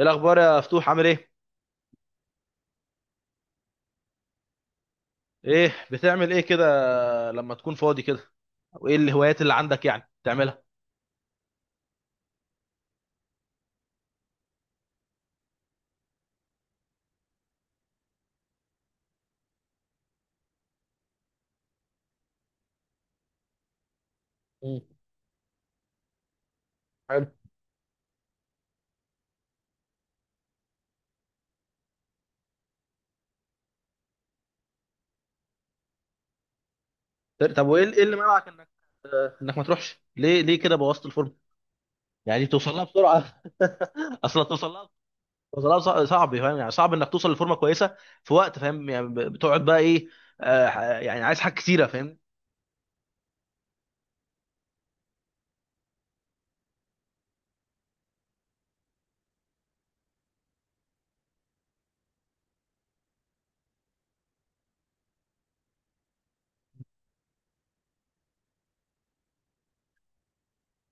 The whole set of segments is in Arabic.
إيه الاخبار يا فتوح، عامل ايه؟ ايه بتعمل ايه كده لما تكون فاضي كده؟ وايه الهوايات اللي عندك يعني تعملها؟ مم. حلو. طب وايه إيه اللي منعك انك، انك ما تروحش، ليه كده بوظت الفورم؟ يعني دي توصل لها بسرعه؟ اصلا توصل لها؟ صعب، فاهم؟ يعني صعب انك توصل لفورمه كويسه في وقت، فاهم؟ يعني بتقعد بقى ايه؟ يعني عايز حاجات كتيره، فاهم.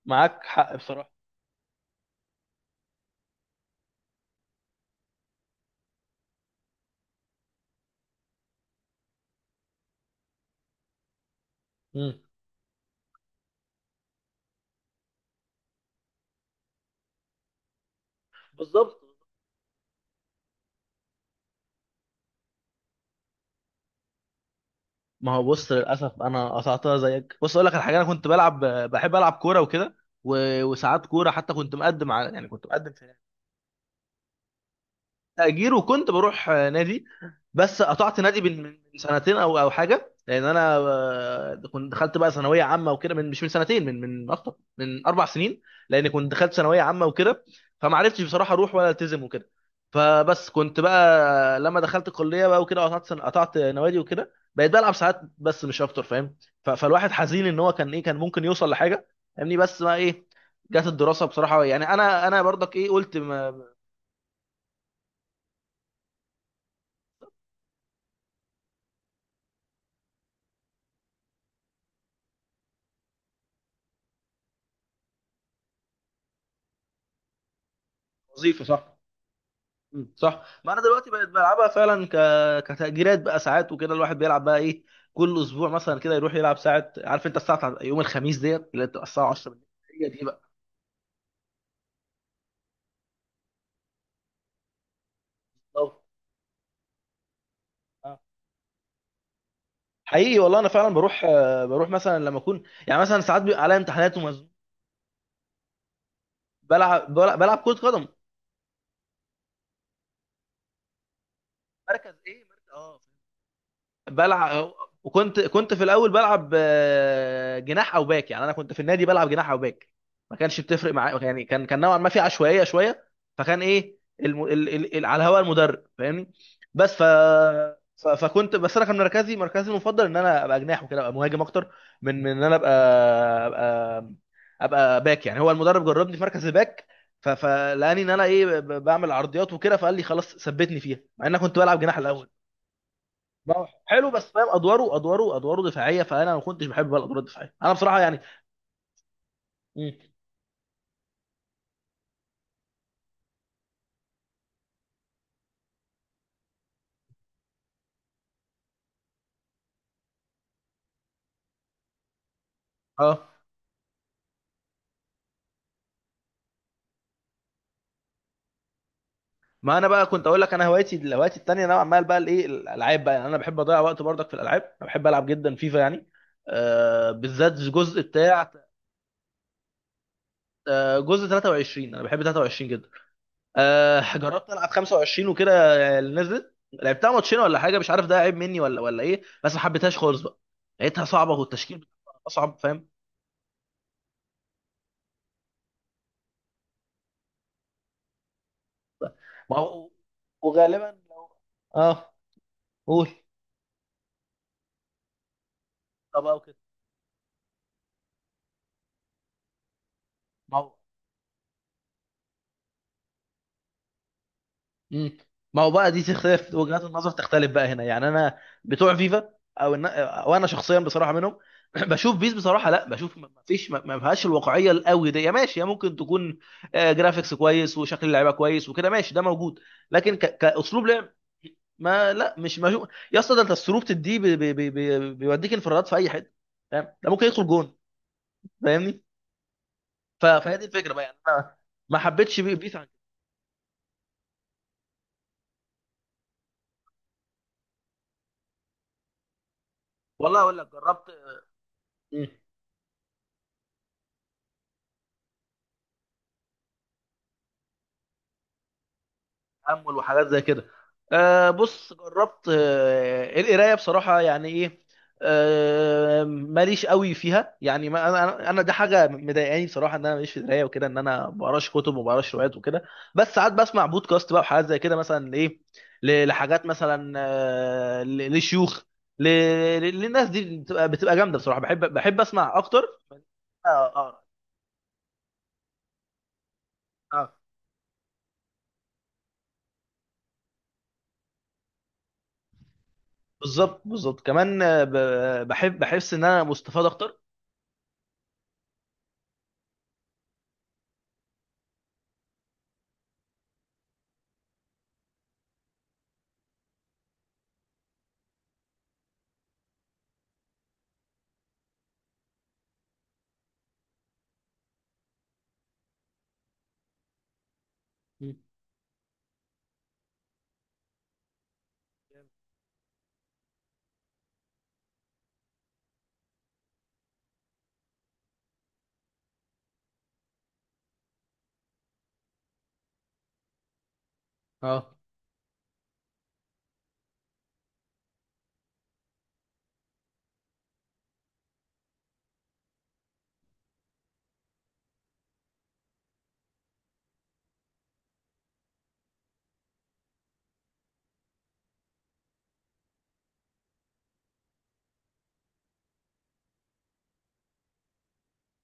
معاك حق بصراحه. مم. بالظبط. ما هو بص للاسف انا قطعتها زيك. بص اقول لك على حاجه، انا كنت بلعب، بحب العب كوره وكده، وساعات كوره حتى كنت مقدم على، يعني كنت مقدم. تأجير، وكنت بروح نادي. بس قطعت نادي من سنتين او حاجه، لان انا كنت دخلت بقى ثانويه عامه وكده، من مش من سنتين، من اكتر من اربع سنين. لان كنت دخلت ثانويه عامه وكده، فما عرفتش بصراحه اروح ولا التزم وكده. فبس كنت بقى لما دخلت الكليه بقى وكده، قطعت قطعت نوادي وكده، بقيت بلعب ساعات بس مش اكتر، فاهم. فالواحد حزين ان هو كان ايه، كان ممكن يوصل لحاجه، فاهمني. بس بقى ايه، جت الدراسه بصراحه. يعني انا برضك ايه قلت وظيفه صح. مم. صح. ما انا دلوقتي بقيت بلعبها فعلا كتأجيلات بقى ساعات وكده. الواحد بيلعب بقى ايه، كل اسبوع مثلا كده يروح يلعب ساعه. عارف انت الساعه بتاعت يوم الخميس ديت اللي بتبقى الساعه 10 بالليل؟ هي دي بقى. أه. حقيقي والله انا فعلا بروح، بروح مثلا لما اكون، يعني مثلا ساعات بيبقى عليا امتحانات ومزنوق. بلعب كرة قدم. مركز ايه؟ مركز، اه. بلعب. وكنت في الاول بلعب جناح او باك. يعني انا كنت في النادي بلعب جناح او باك، ما كانش بتفرق معايا. يعني كان نوعا ما في عشوائيه شويه. فكان ايه الم... ال... ال... ال... على هواء المدرب، فاهمني. بس ف... فكنت، بس انا كان مركزي المفضل ان انا ابقى جناح وكده، ابقى مهاجم اكتر من ان انا ابقى، ابقى ابقى باك. يعني هو المدرب جربني في مركز الباك، فلقاني ان انا ايه بعمل عرضيات وكده، فقال لي خلاص ثبتني فيها، مع ان انا كنت بلعب جناح الاول. ما هو حلو، بس فاهم، ادواره دفاعيه، فانا ما كنتش بحب بقى الادوار الدفاعيه، انا بصراحه يعني. مم. اه، ما انا بقى كنت اقول لك، انا هوايتي التانيه انا عمال بقى الايه الالعاب بقى. يعني انا بحب اضيع وقت برضك في الالعاب، انا بحب العب جدا فيفا. يعني بالذات الجزء بتاع، جزء 23، انا بحب 23 جدا. جربت العب 25 وكده، اللي نزلت لعبتها ماتشين ولا حاجه. مش عارف ده عيب مني ولا ايه، بس ما حبيتهاش خالص بقى. لقيتها صعبه، والتشكيل بتاعها اصعب، فاهم. ما هو- وغالبا. اه. قول. طب بقى وكده. ما هو. مم. ما هو بقى دي تختلف، وجهات النظر تختلف بقى هنا. يعني انا بتوع فيفا او او انا شخصيا بصراحه منهم. بشوف بيس بصراحه، لا بشوف، ما فيش، ما فيهاش الواقعيه القوي دي. يا ماشي، يا ممكن تكون جرافيكس كويس وشكل اللعيبه كويس وكده، ماشي، ده موجود. لكن كاسلوب لعب، ما لا مش ما شو... يا اسطى، ده انت السروب دي بيوديك انفرادات في اي حته، فاهم، ده ممكن يدخل جون، فاهمني. فهي دي الفكره بقى، يعني انا ما حبيتش بيس عن كده. والله اقول لك جربت. تامل وحاجات زي كده. بص جربت، القرايه بصراحه يعني ايه، ماليش قوي فيها. يعني ما انا دي حاجه مضايقاني بصراحه، ان انا ماليش في القرايه وكده، ان انا ما بقراش كتب وما بقراش روايات وكده. بس ساعات بسمع بودكاست بقى وحاجات زي كده، مثلا ايه لحاجات مثلا، لشيوخ، ل- للناس دي، بتبقى جامده بصراحه، بحب اسمع اكتر. اه. اه. اه. بالظبط. بالظبط كمان، آه، ب- بحب بحس ان انا مستفاد اكتر. اه.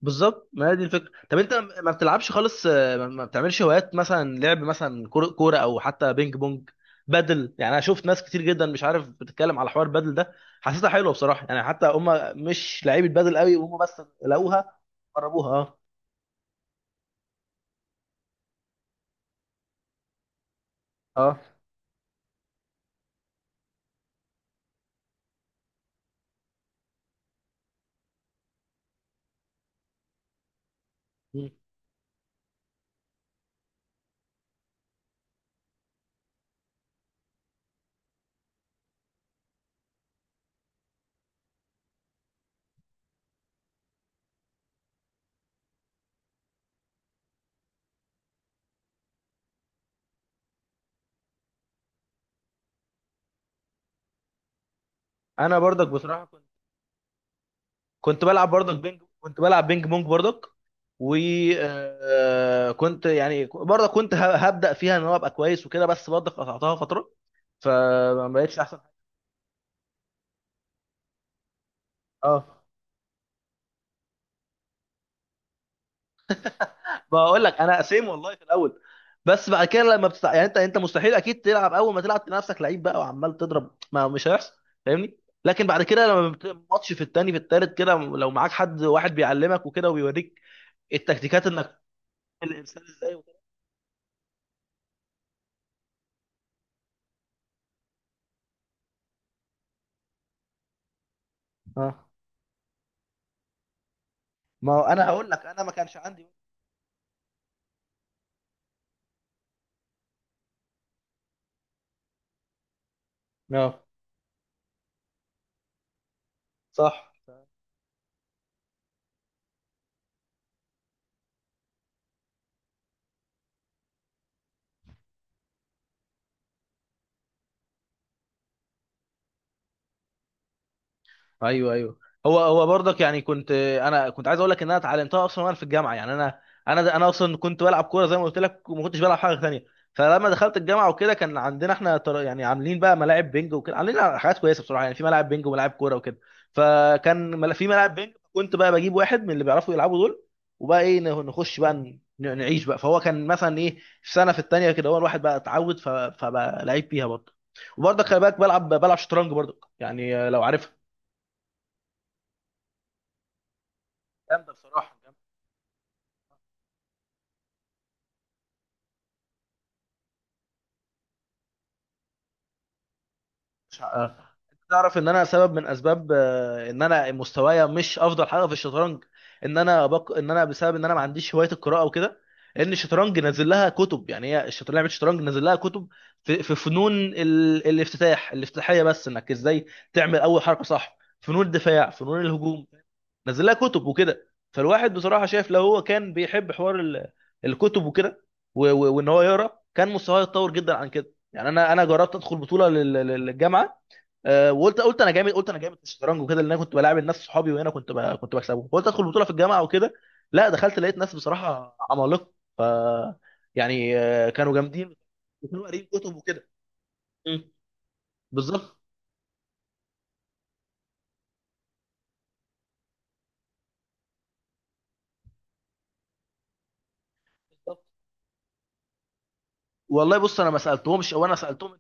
بالظبط. ما هي دي الفكره. طب انت ما بتلعبش خالص، ما بتعملش هوايات، مثلا لعب مثلا كورة او حتى بينج بونج بدل؟ يعني انا شفت ناس كتير جدا، مش عارف بتتكلم على حوار بدل ده، حسيتها حلوه بصراحه يعني. حتى هم مش لعيبه بدل قوي، هم بس لقوها جربوها. اه. اه. مم. انا برضك بصراحه كنت، كنت بلعب برضك بينج كنت بلعب بينج بونج برضك. وكنت يعني برضك كنت هبدا فيها ان هو ابقى كويس وكده، بس برضك قطعتها فتره فما بقتش احسن. اه. بقول لك انا سيم والله في الاول. بس بعد كده لما يعني انت مستحيل اكيد تلعب، اول ما تلعب تلاقي نفسك لعيب بقى وعمال تضرب، ما مش هيحصل، فاهمني. لكن بعد كده لما ماتش في التاني، في التالت كده، لو معاك حد واحد بيعلمك وكده وبيوريك التكتيكات انك الانسان ازاي وكده. اه. ما هو انا هقول لك، انا ما كانش عندي. اه. صح. ايوه. ايوه. هو برضك يعني كنت، انا كنت عايز اقول لك ان انا اتعلمتها اصلا وانا في الجامعه. يعني انا اصلا كنت بلعب كوره زي ما قلت لك، وما كنتش بلعب حاجه ثانيه. فلما دخلت الجامعه وكده، كان عندنا احنا يعني عاملين بقى ملاعب بينج وكده، عاملين حاجات كويسه بصراحه، يعني في ملاعب بينج وملاعب كوره وكده. فكان في ملاعب بينج كنت بقى بجيب واحد من اللي بيعرفوا يلعبوا دول، وبقى ايه نخش بقى، نعيش بقى. فهو كان مثلا ايه في سنه، في الثانيه كده، هو الواحد بقى اتعود، فبقى لعيب فيها برضه. وبرضه خلي بالك بلعب، شطرنج برضه، يعني لو عارف، جامده بصراحه، جامده. مش ه- انت تعرف ان انا سبب من اسباب، ان انا مستوايا مش افضل حاجه في الشطرنج، ان انا ان انا بسبب ان انا ما عنديش هوايه القراءه وكده. لان الشطرنج نازل لها كتب، يعني هي الشطرنج لعبه، الشطرنج نازل لها كتب، في فنون الافتتاحيه، بس انك ازاي تعمل اول حركه صح، فنون الدفاع، فنون الهجوم، نزل لها كتب وكده. فالواحد بصراحه شايف، لو هو كان بيحب حوار الكتب وكده، وان هو يقرا، كان مستواه يتطور جدا عن كده. يعني انا جربت ادخل بطوله للجامعه. وقلت، انا جامد، قلت انا جامد في الشطرنج وكده، لان انا كنت بلاعب الناس صحابي وهنا كنت كنت بكسبهم، قلت ادخل بطوله في الجامعه وكده. لا دخلت لقيت ناس بصراحه عمالقه. ف، يعني كانوا جامدين، وكانوا قاريين كتب وكده. مم. بالظبط. بالظبط. والله بص، انا ما سالتهمش او انا سالتهم،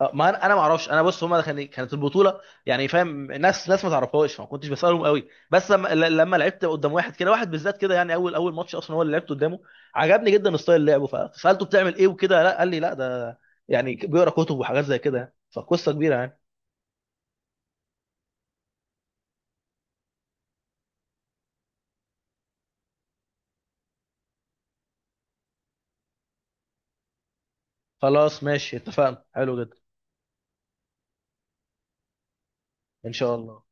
ما انا ما اعرفش. انا بص هم، كانت البطوله يعني فاهم، ناس، ناس ما تعرفهاش، فما كنتش بسالهم قوي. بس لما لما لعبت قدام واحد كده، واحد بالذات كده، يعني اول اول ماتش اصلا هو اللي لعبت قدامه، عجبني جدا ستايل لعبه، فسالته بتعمل ايه وكده، لا قال لي لا ده يعني بيقرا كتب وحاجات زي كده، يعني فقصه كبيره يعني. خلاص ماشي، اتفقنا. حلو جدا. ان شاء الله.